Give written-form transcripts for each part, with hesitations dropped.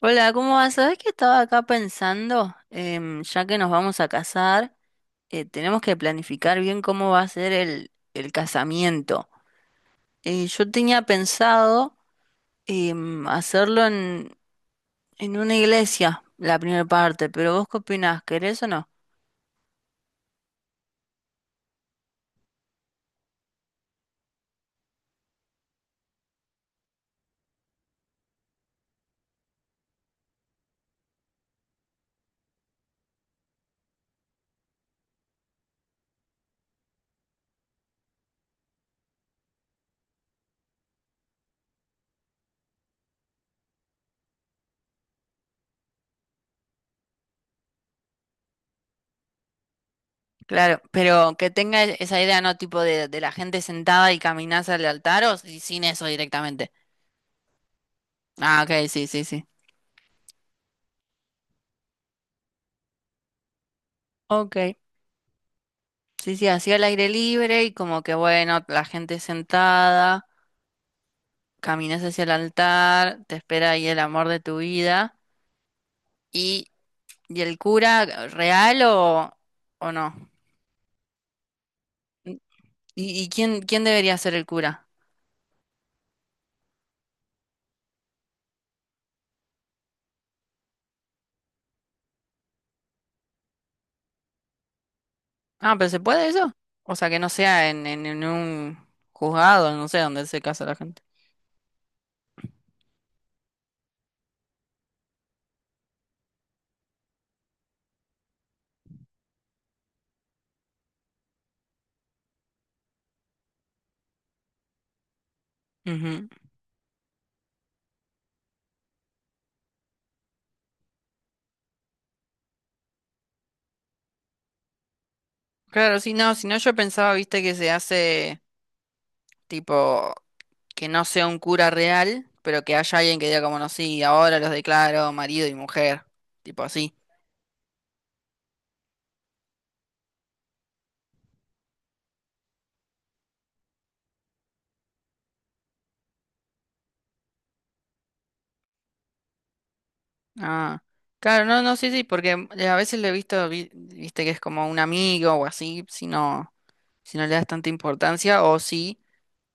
Hola, ¿cómo vas? Sabés que estaba acá pensando, ya que nos vamos a casar, tenemos que planificar bien cómo va a ser el casamiento. Yo tenía pensado hacerlo en una iglesia, la primera parte, pero ¿vos qué opinás? ¿Querés o no? Claro, pero que tenga esa idea, ¿no? Tipo de la gente sentada y caminás al altar o sin eso directamente. Ah, ok, sí, sí, sí. Ok, sí, sí, así al aire libre y como que bueno, la gente sentada. Caminas hacia el altar, te espera ahí el amor de tu vida. ¿Y, ¿y el cura real o no? ¿Y quién, quién debería ser el cura? Ah, pero ¿se puede eso? O sea, que no sea en, en un juzgado, no sé, donde se casa la gente. Ujú. Claro, sí, no, si no yo pensaba, viste, que se hace tipo que no sea un cura real, pero que haya alguien que diga como no, sí, ahora los declaro marido y mujer, tipo así. Ah, claro, no, no, sí, sí, porque a veces lo he visto, viste que es como un amigo o así, si no, si no le das tanta importancia, o si,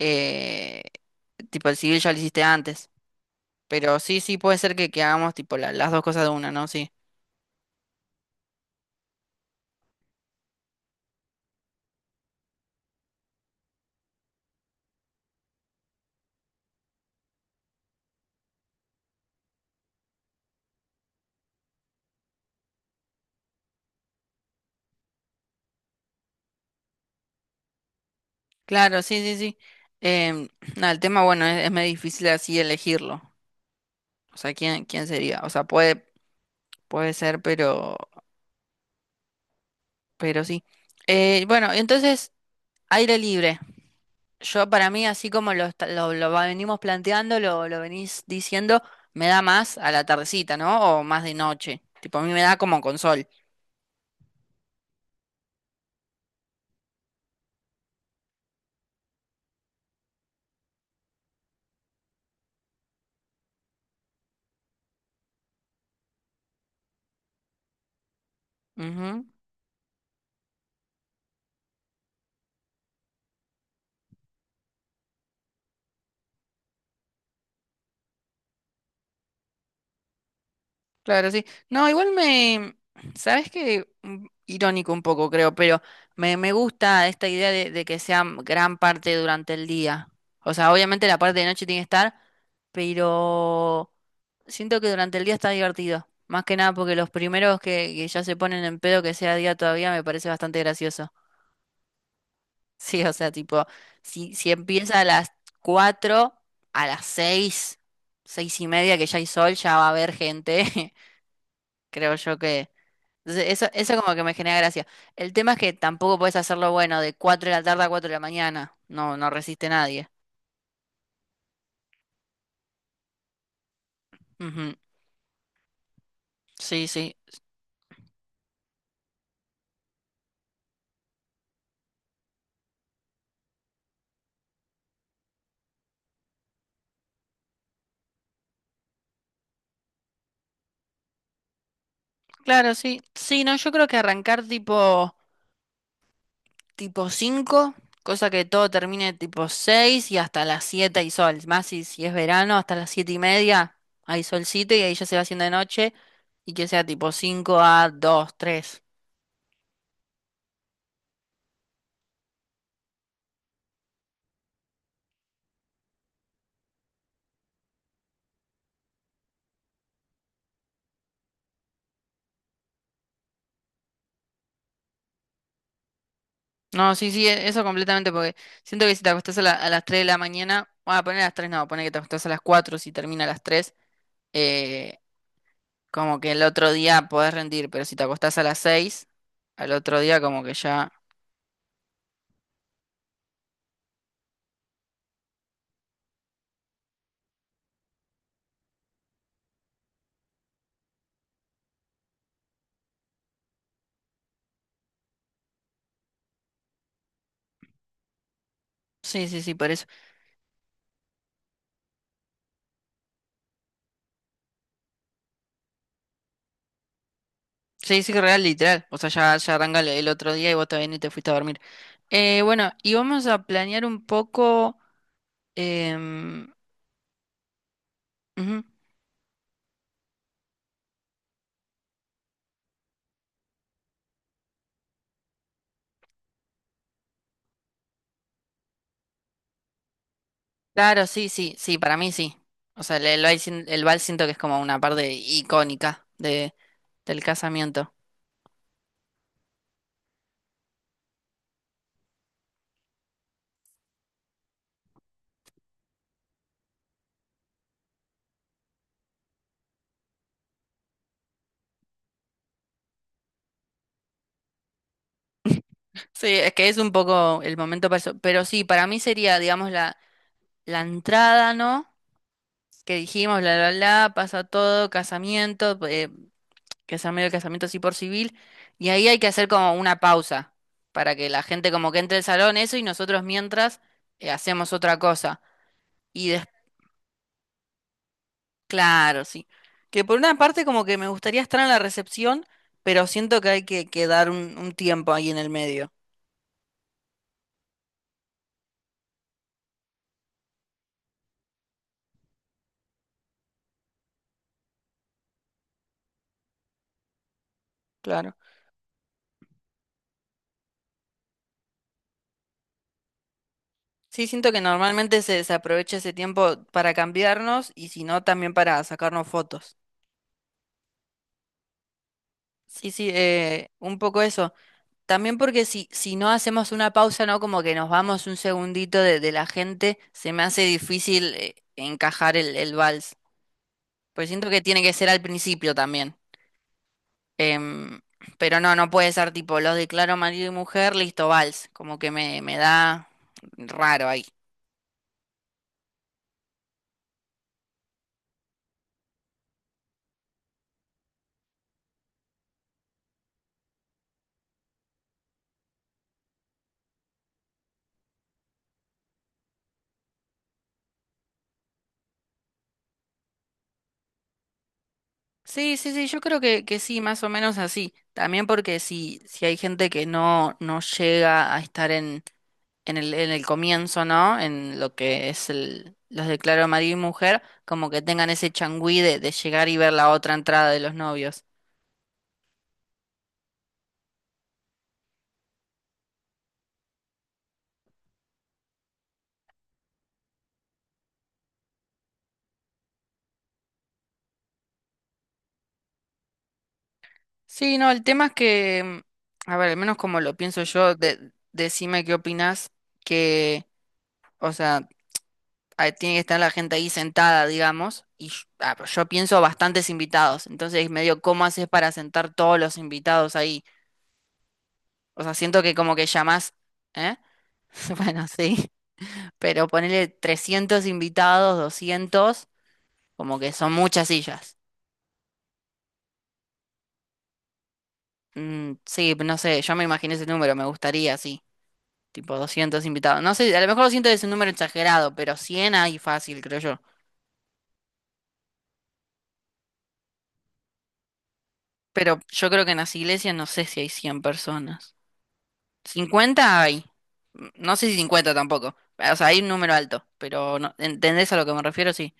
eh, tipo, el civil ya lo hiciste antes, pero sí, sí, puede ser que hagamos, tipo, las dos cosas de una, ¿no? Sí, claro, sí, sí, sí. Em, nada, el tema, bueno, es medio difícil así elegirlo, o sea, ¿quién, quién sería? O sea, puede, puede ser, pero sí. Bueno, entonces, aire libre. Yo para mí, así como lo, lo, venimos planteando, lo venís diciendo, me da más a la tardecita, ¿no? O más de noche. Tipo, a mí me da como con sol. Ujú. Claro, sí. No, igual me... ¿Sabes qué? Mm, irónico un poco, creo, pero me gusta esta idea de que sea gran parte durante el día. O sea, obviamente la parte de noche tiene que estar, pero siento que durante el día está divertido. Más que nada porque los primeros que ya se ponen en pedo que sea día todavía me parece bastante gracioso. Sí, o sea, tipo, si, si empieza a las 4 a las 6 6 y media que ya hay sol, ya va a haber gente. Creo yo que... Entonces, eso como que me genera gracia. El tema es que tampoco puedes hacerlo, bueno, de 4 de la tarde a 4 de la mañana. No, no resiste nadie. Ujú. Sí, sí. Claro, sí. Sí, no, yo creo que arrancar tipo... tipo 5 cosa que todo termine tipo 6 y hasta las 7 hay sol. Más si, si es verano, hasta las 7 y media hay solcito y ahí ya se va haciendo de noche y que sea tipo 5 a 2 3. No, sí, sí, eso completamente porque siento que si te acostás a, a las 3 de la mañana, bueno, poner a las 3 no, poner que te acostás a las 4 si termina a las 3, eh, como que el otro día podés rendir, pero si te acostás a las 6 al otro día como que ya... Sí, sí, sí, por eso. Sí, sí, real, literal. O sea, ya, ya arranca el otro día y vos todavía ni te fuiste a dormir. Bueno, y vamos a planear un poco. em, ujú. Claro, sí, sí, sí, para mí sí. O sea, el baile sin- el vals siento que es como una parte icónica de, del casamiento. Sí, es que es un poco el momento para eso. Pero sí, para mí sería, digamos, la entrada, ¿no? Que dijimos, pasa todo, casamiento. Que sea medio del casamiento así por civil, y ahí hay que hacer como una pausa para que la gente como que entre al salón, eso, y nosotros mientras hacemos otra cosa. Y des- claro, sí. Que por una parte como que me gustaría estar en la recepción, pero siento que hay que dar un tiempo ahí en el medio. Claro. Sí, siento que normalmente se, se aprovecha ese tiempo para cambiarnos y si no, también para sacarnos fotos. Sí, sí, un poco eso. También porque si, si no hacemos una pausa, ¿no? Como que nos vamos un segundito de la gente, se me hace difícil encajar el vals. Pues siento que tiene que ser al principio también. Em, pero no, no puede ser tipo, los declaro marido y mujer, listo, vals. Como que me da raro ahí. Sí, sí, sí, yo creo que sí, más o menos así. También porque si, si hay gente que no, no llega a estar en el comienzo, ¿no? En lo que es el, los declaro marido y mujer, como que tengan ese changüí de llegar y ver la otra entrada de los novios. Sí, no, el tema es que, mm, a ver, al menos como lo pienso yo, decime qué opinas, que, o sea, ah, tiene que estar la gente ahí sentada, digamos, y yo, ah, pero yo pienso bastantes invitados, entonces medio, ¿cómo haces para sentar todos los invitados ahí? O sea, siento que como que llamás, ¿eh? Bueno, sí. Pero ponele 300 invitados, 200, como que son muchas sillas. Mm, sí, no sé, yo me imaginé ese número, me gustaría, sí, tipo 200 invitados. No sé, a lo mejor 200 es un número exagerado, pero 100 hay fácil, creo yo. Pero yo creo que en las iglesias no sé si hay 100 personas. 50 hay, mm, no sé si 50 tampoco. O sea, hay un número alto, pero no, ¿entendés a lo que me refiero? Sí.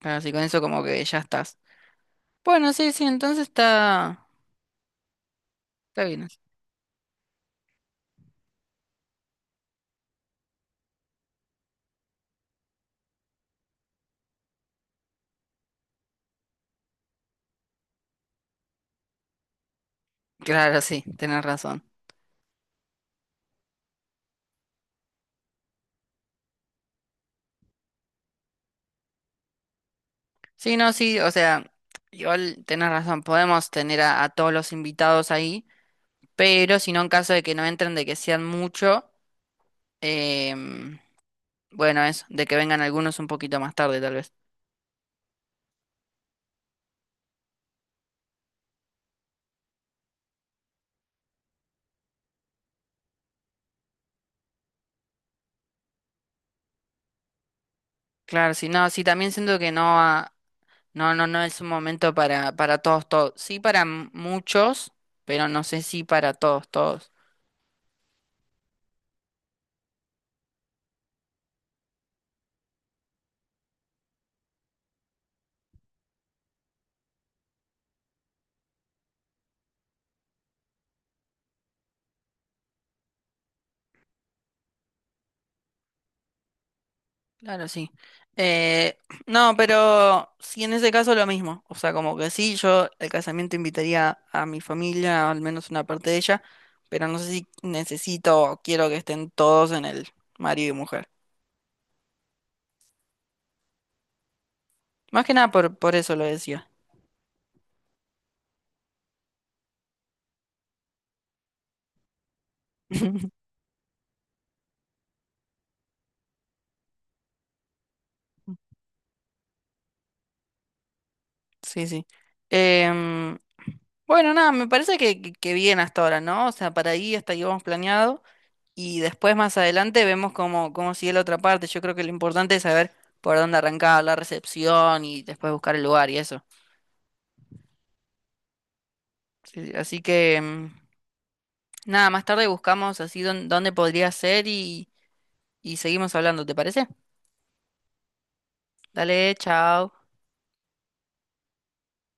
Así con eso como que ya estás. Bueno, sí, sí, entonces está, está bien. Claro, sí, tenés razón. Sí, no, sí, o sea, igual tenés razón, podemos tener a todos los invitados ahí, pero si no, en caso de que no entren, de que sean mucho, em, bueno, eso, de que vengan algunos un poquito más tarde, tal vez. Claro, sí, no, sí, también siento que no, ah, no, no, no es un momento para todos, todos. Sí, para muchos, pero no sé si para todos, todos. Claro, sí. Eh, no, pero sí, en ese caso lo mismo. O sea, como que sí, yo el casamiento invitaría a mi familia, al menos una parte de ella, pero no sé si necesito o quiero que estén todos en el marido y mujer. Más que nada por, por eso lo decía. Sí, sí. Em, bueno, nada, me parece que bien hasta ahora, ¿no? O sea, para ahí hasta ahí vamos planeado. Y después más adelante vemos cómo, cómo sigue la otra parte. Yo creo que lo importante es saber por dónde arrancar la recepción y después buscar el lugar y eso. Sí, sí. Así que mm, nada, más tarde buscamos así dónde podría ser y seguimos hablando, ¿te parece? Dale, chao.